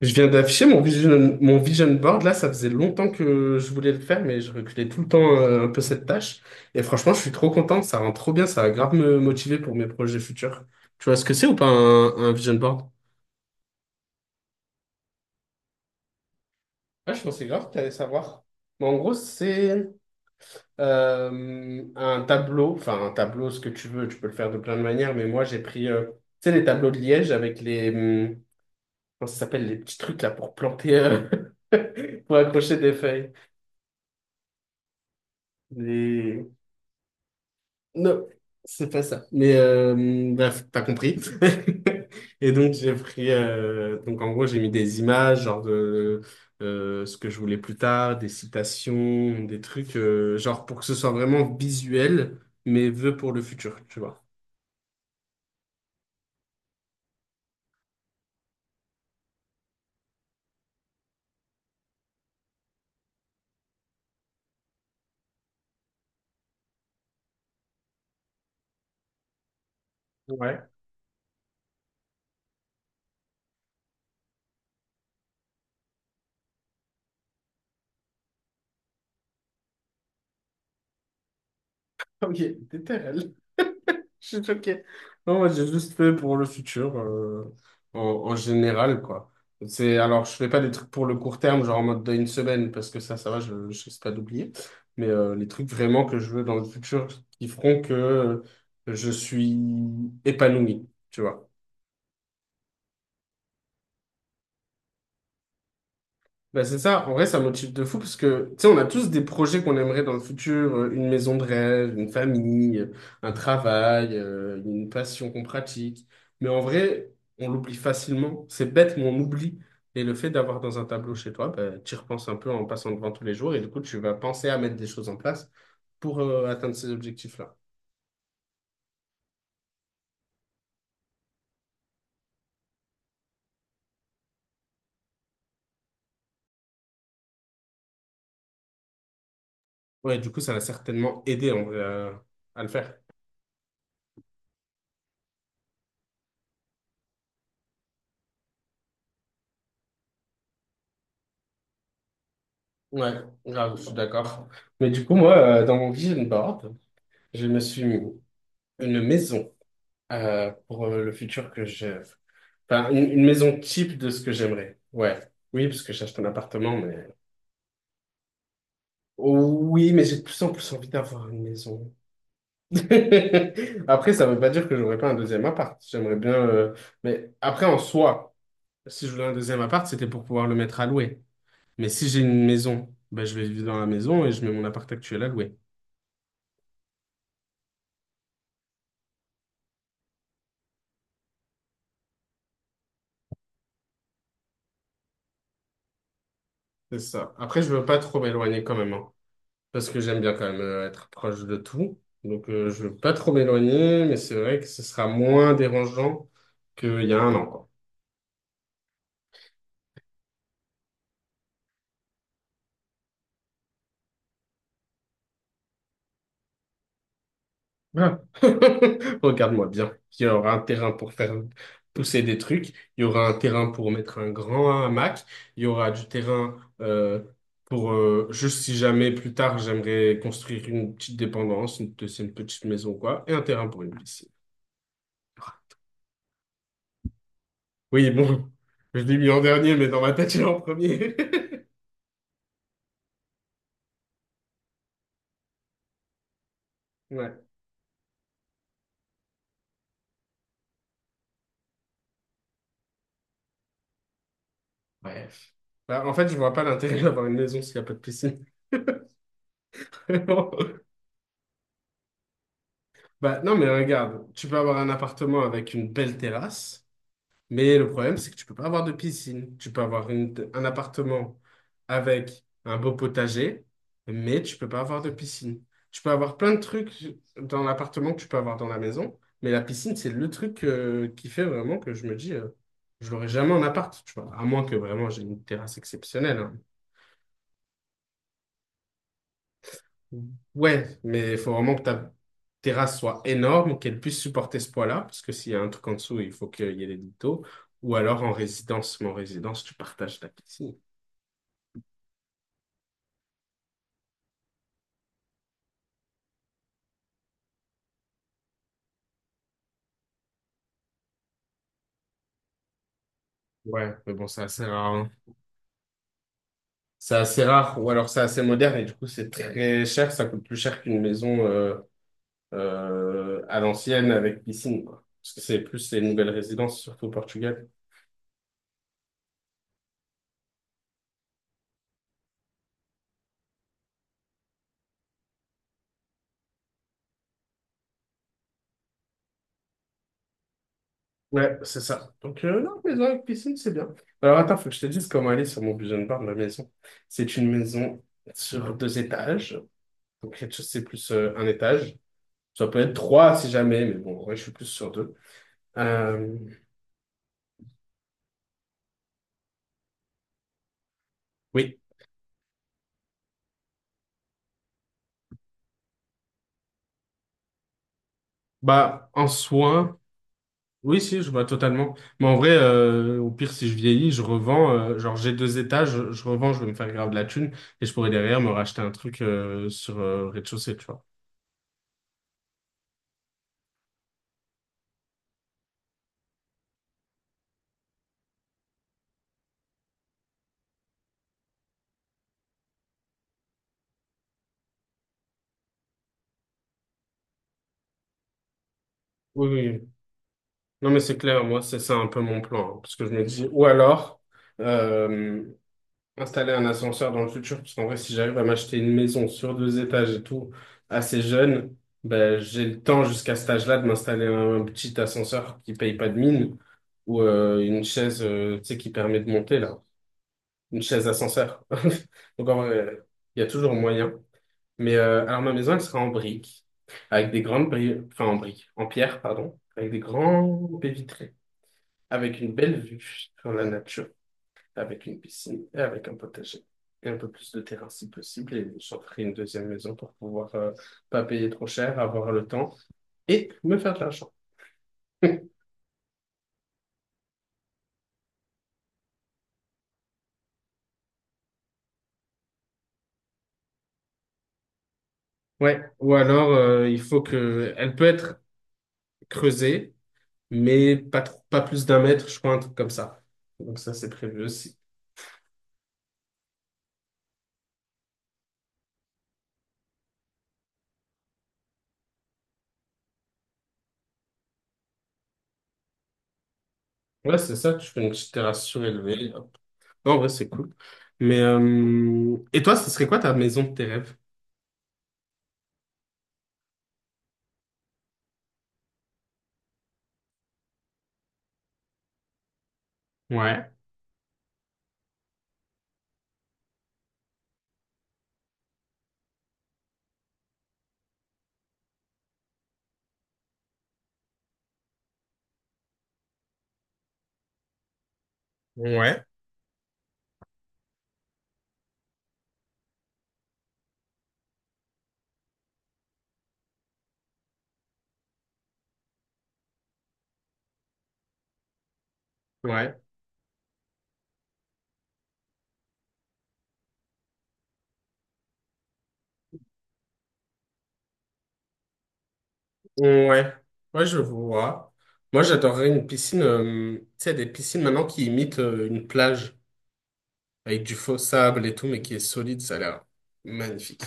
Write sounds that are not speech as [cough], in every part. Je viens d'afficher mon vision board. Là, ça faisait longtemps que je voulais le faire, mais je reculais tout le temps un peu cette tâche. Et franchement, je suis trop content. Ça rend trop bien. Ça va grave me motiver pour mes projets futurs. Tu vois ce que c'est ou pas un vision board? Ah, je pensais grave que tu allais savoir. Mais en gros, c'est un tableau. Enfin, un tableau, ce que tu veux. Tu peux le faire de plein de manières. Mais moi, j'ai pris, tu sais, les tableaux de Liège avec les, comment ça s'appelle, les petits trucs là pour planter, [laughs] pour accrocher des feuilles. Les- Non, c'est pas ça. Mais bref, t'as compris. [laughs] Et donc j'ai pris, donc en gros j'ai mis des images, genre de ce que je voulais plus tard, des citations, des trucs, genre pour que ce soit vraiment visuel, mais vœux pour le futur, tu vois. Ouais. Ok, t'es terrel. [laughs] Je suis choqué. Non, moi, j'ai juste fait pour le futur, en général, quoi. C'est, alors, je fais pas des trucs pour le court terme, genre en mode d'une semaine, parce que ça va, je risque pas d'oublier. Mais les trucs vraiment que je veux dans le futur qui feront que je suis épanoui, tu vois. Bah c'est ça, en vrai, ça motive de fou parce que, tu sais, on a tous des projets qu'on aimerait dans le futur, une maison de rêve, une famille, un travail, une passion qu'on pratique. Mais en vrai, on l'oublie facilement. C'est bête, mais on oublie. Et le fait d'avoir dans un tableau chez toi, bah, tu y repenses un peu en passant devant tous les jours et du coup, tu vas penser à mettre des choses en place pour atteindre ces objectifs-là. Ouais, du coup, ça va certainement aider en vrai, à le faire. Ouais, grave, je suis d'accord. Mais du coup, moi, dans mon vision board, je me suis mis une maison pour le futur que j'ai. Enfin, une maison type de ce que j'aimerais. Ouais. Oui, parce que j'achète un appartement, mais... Oh, oui, mais j'ai de plus en plus envie d'avoir une maison. [laughs] Après, ça veut pas dire que j'aurais pas un deuxième appart. J'aimerais bien... Mais après, en soi, si je voulais un deuxième appart, c'était pour pouvoir le mettre à louer. Mais si j'ai une maison, ben, je vais vivre dans la maison et je mets mon appart actuel à louer. C'est ça. Après, je veux pas trop m'éloigner quand même, hein, parce que j'aime bien quand même être proche de tout. Donc, je veux pas trop m'éloigner, mais c'est vrai que ce sera moins dérangeant qu'il y a un an, quoi. Ah. [laughs] Regarde-moi bien. Il y aura un terrain pour faire pousser des trucs, il y aura un terrain pour mettre un grand hamac, il y aura du terrain pour, juste si jamais plus tard j'aimerais construire une petite dépendance, une petite maison, quoi, et un terrain pour une piscine. Oui, bon, je l'ai mis en dernier, mais dans ma tête, il est en premier. [laughs] Ouais. Ouais. Bah, en fait, je vois pas l'intérêt [laughs] d'avoir une maison s'il n'y a pas de piscine. [laughs] Vraiment. Bah, non, mais regarde, tu peux avoir un appartement avec une belle terrasse, mais le problème, c'est que tu peux pas avoir de piscine. Tu peux avoir une- un appartement avec un beau potager, mais tu peux pas avoir de piscine. Tu peux avoir plein de trucs dans l'appartement que tu peux avoir dans la maison, mais la piscine, c'est le truc qui fait vraiment que je me dis, je l'aurai jamais en appart, tu vois, à moins que vraiment j'ai une terrasse exceptionnelle, hein. Ouais, mais il faut vraiment que ta terrasse soit énorme, qu'elle puisse supporter ce poids-là, parce que s'il y a un truc en dessous, il faut qu'il y ait des liteaux. Ou alors en résidence, mais en résidence, tu partages ta piscine. Ouais, mais bon, c'est assez rare, hein. C'est assez rare, ou alors c'est assez moderne, et du coup, c'est très cher, ça coûte plus cher qu'une maison à l'ancienne avec piscine, quoi. Parce que c'est plus les nouvelles résidences, surtout au Portugal. Ouais, c'est ça. Donc, non, maison avec piscine, c'est bien. Alors, attends, faut que je te dise comment elle est sur mon vision board, ma maison. C'est une maison sur deux étages. Donc, rez-de-chaussée plus un étage. Ça peut être trois si jamais, mais bon, ouais, je suis plus sur deux. Euh, oui. Bah, en soi. Oui, si, je vois totalement. Mais en vrai, au pire, si je vieillis, je revends genre, j'ai deux étages, je revends, je vais me faire grave de la thune et je pourrais derrière me racheter un truc sur rez-de-chaussée, tu vois. Oui, oui. Non, mais c'est clair, moi, c'est ça un peu mon plan, hein, parce que je me dis, ou alors, euh, installer un ascenseur dans le futur, parce qu'en vrai, si j'arrive à m'acheter une maison sur deux étages et tout, assez jeune, ben, j'ai le temps jusqu'à cet âge-là de m'installer un petit ascenseur qui paye pas de mine, ou une chaise, tu sais, qui permet de monter, là, une chaise ascenseur. [laughs] Donc en vrai, il y a toujours moyen. Mais alors ma maison, elle sera en briques, avec des grandes briques, enfin en briques, en pierre, pardon, avec des grands baies vitrées, avec une belle vue sur la nature avec une piscine et avec un potager. Et un peu plus de terrain si possible. Et j'offrirai une deuxième maison pour pouvoir pas payer trop cher, avoir le temps et me faire de l'argent. [laughs] Ouais, ou alors il faut que elle peut être creusée, mais pas trop- pas plus d'un mètre, je crois, un truc comme ça. Donc ça, c'est prévu aussi. Ouais, c'est ça, tu fais une petite terrasse surélevée. Hop. Non, en vrai, c'est cool. Mais et toi, ce serait quoi ta maison de tes rêves? Ouais. Ouais. Ouais. Ouais, ouais, je vois. Moi, j'adorerais une piscine, tu sais, des piscines maintenant qui imitent une plage avec du faux sable et tout, mais qui est solide, ça a l'air magnifique.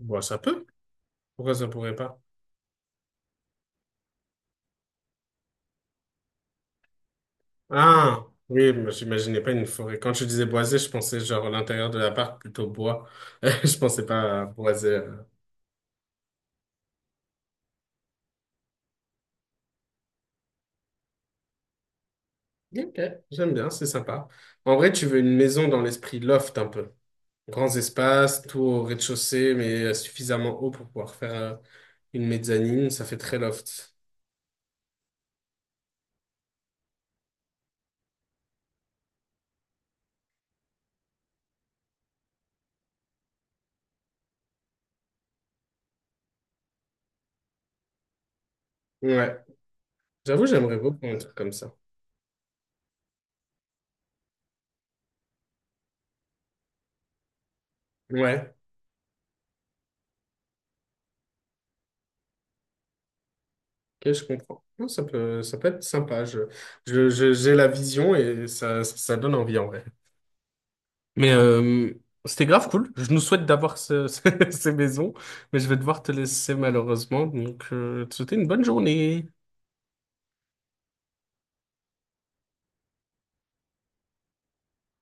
Bon, ça peut. Pourquoi ça pourrait pas? Ah, oui, moi, j'imaginais pas une forêt. Quand je disais boisé, je pensais genre à l'intérieur de l'appart plutôt bois. [laughs] Je pensais pas à boisé. Ok, j'aime bien, c'est sympa. En vrai, tu veux une maison dans l'esprit loft un peu. Grands espaces, tout au rez-de-chaussée, mais suffisamment haut pour pouvoir faire. Une mezzanine, ça fait très loft. Ouais. J'avoue, j'aimerais beaucoup un truc comme ça. Ouais. Ok, je comprends. Non, ça peut être sympa. J'ai la vision et ça, donne envie en vrai. Mais c'était grave cool. Je nous souhaite d'avoir [laughs] ces maisons, mais je vais devoir te laisser malheureusement. Donc, te souhaiter une bonne journée.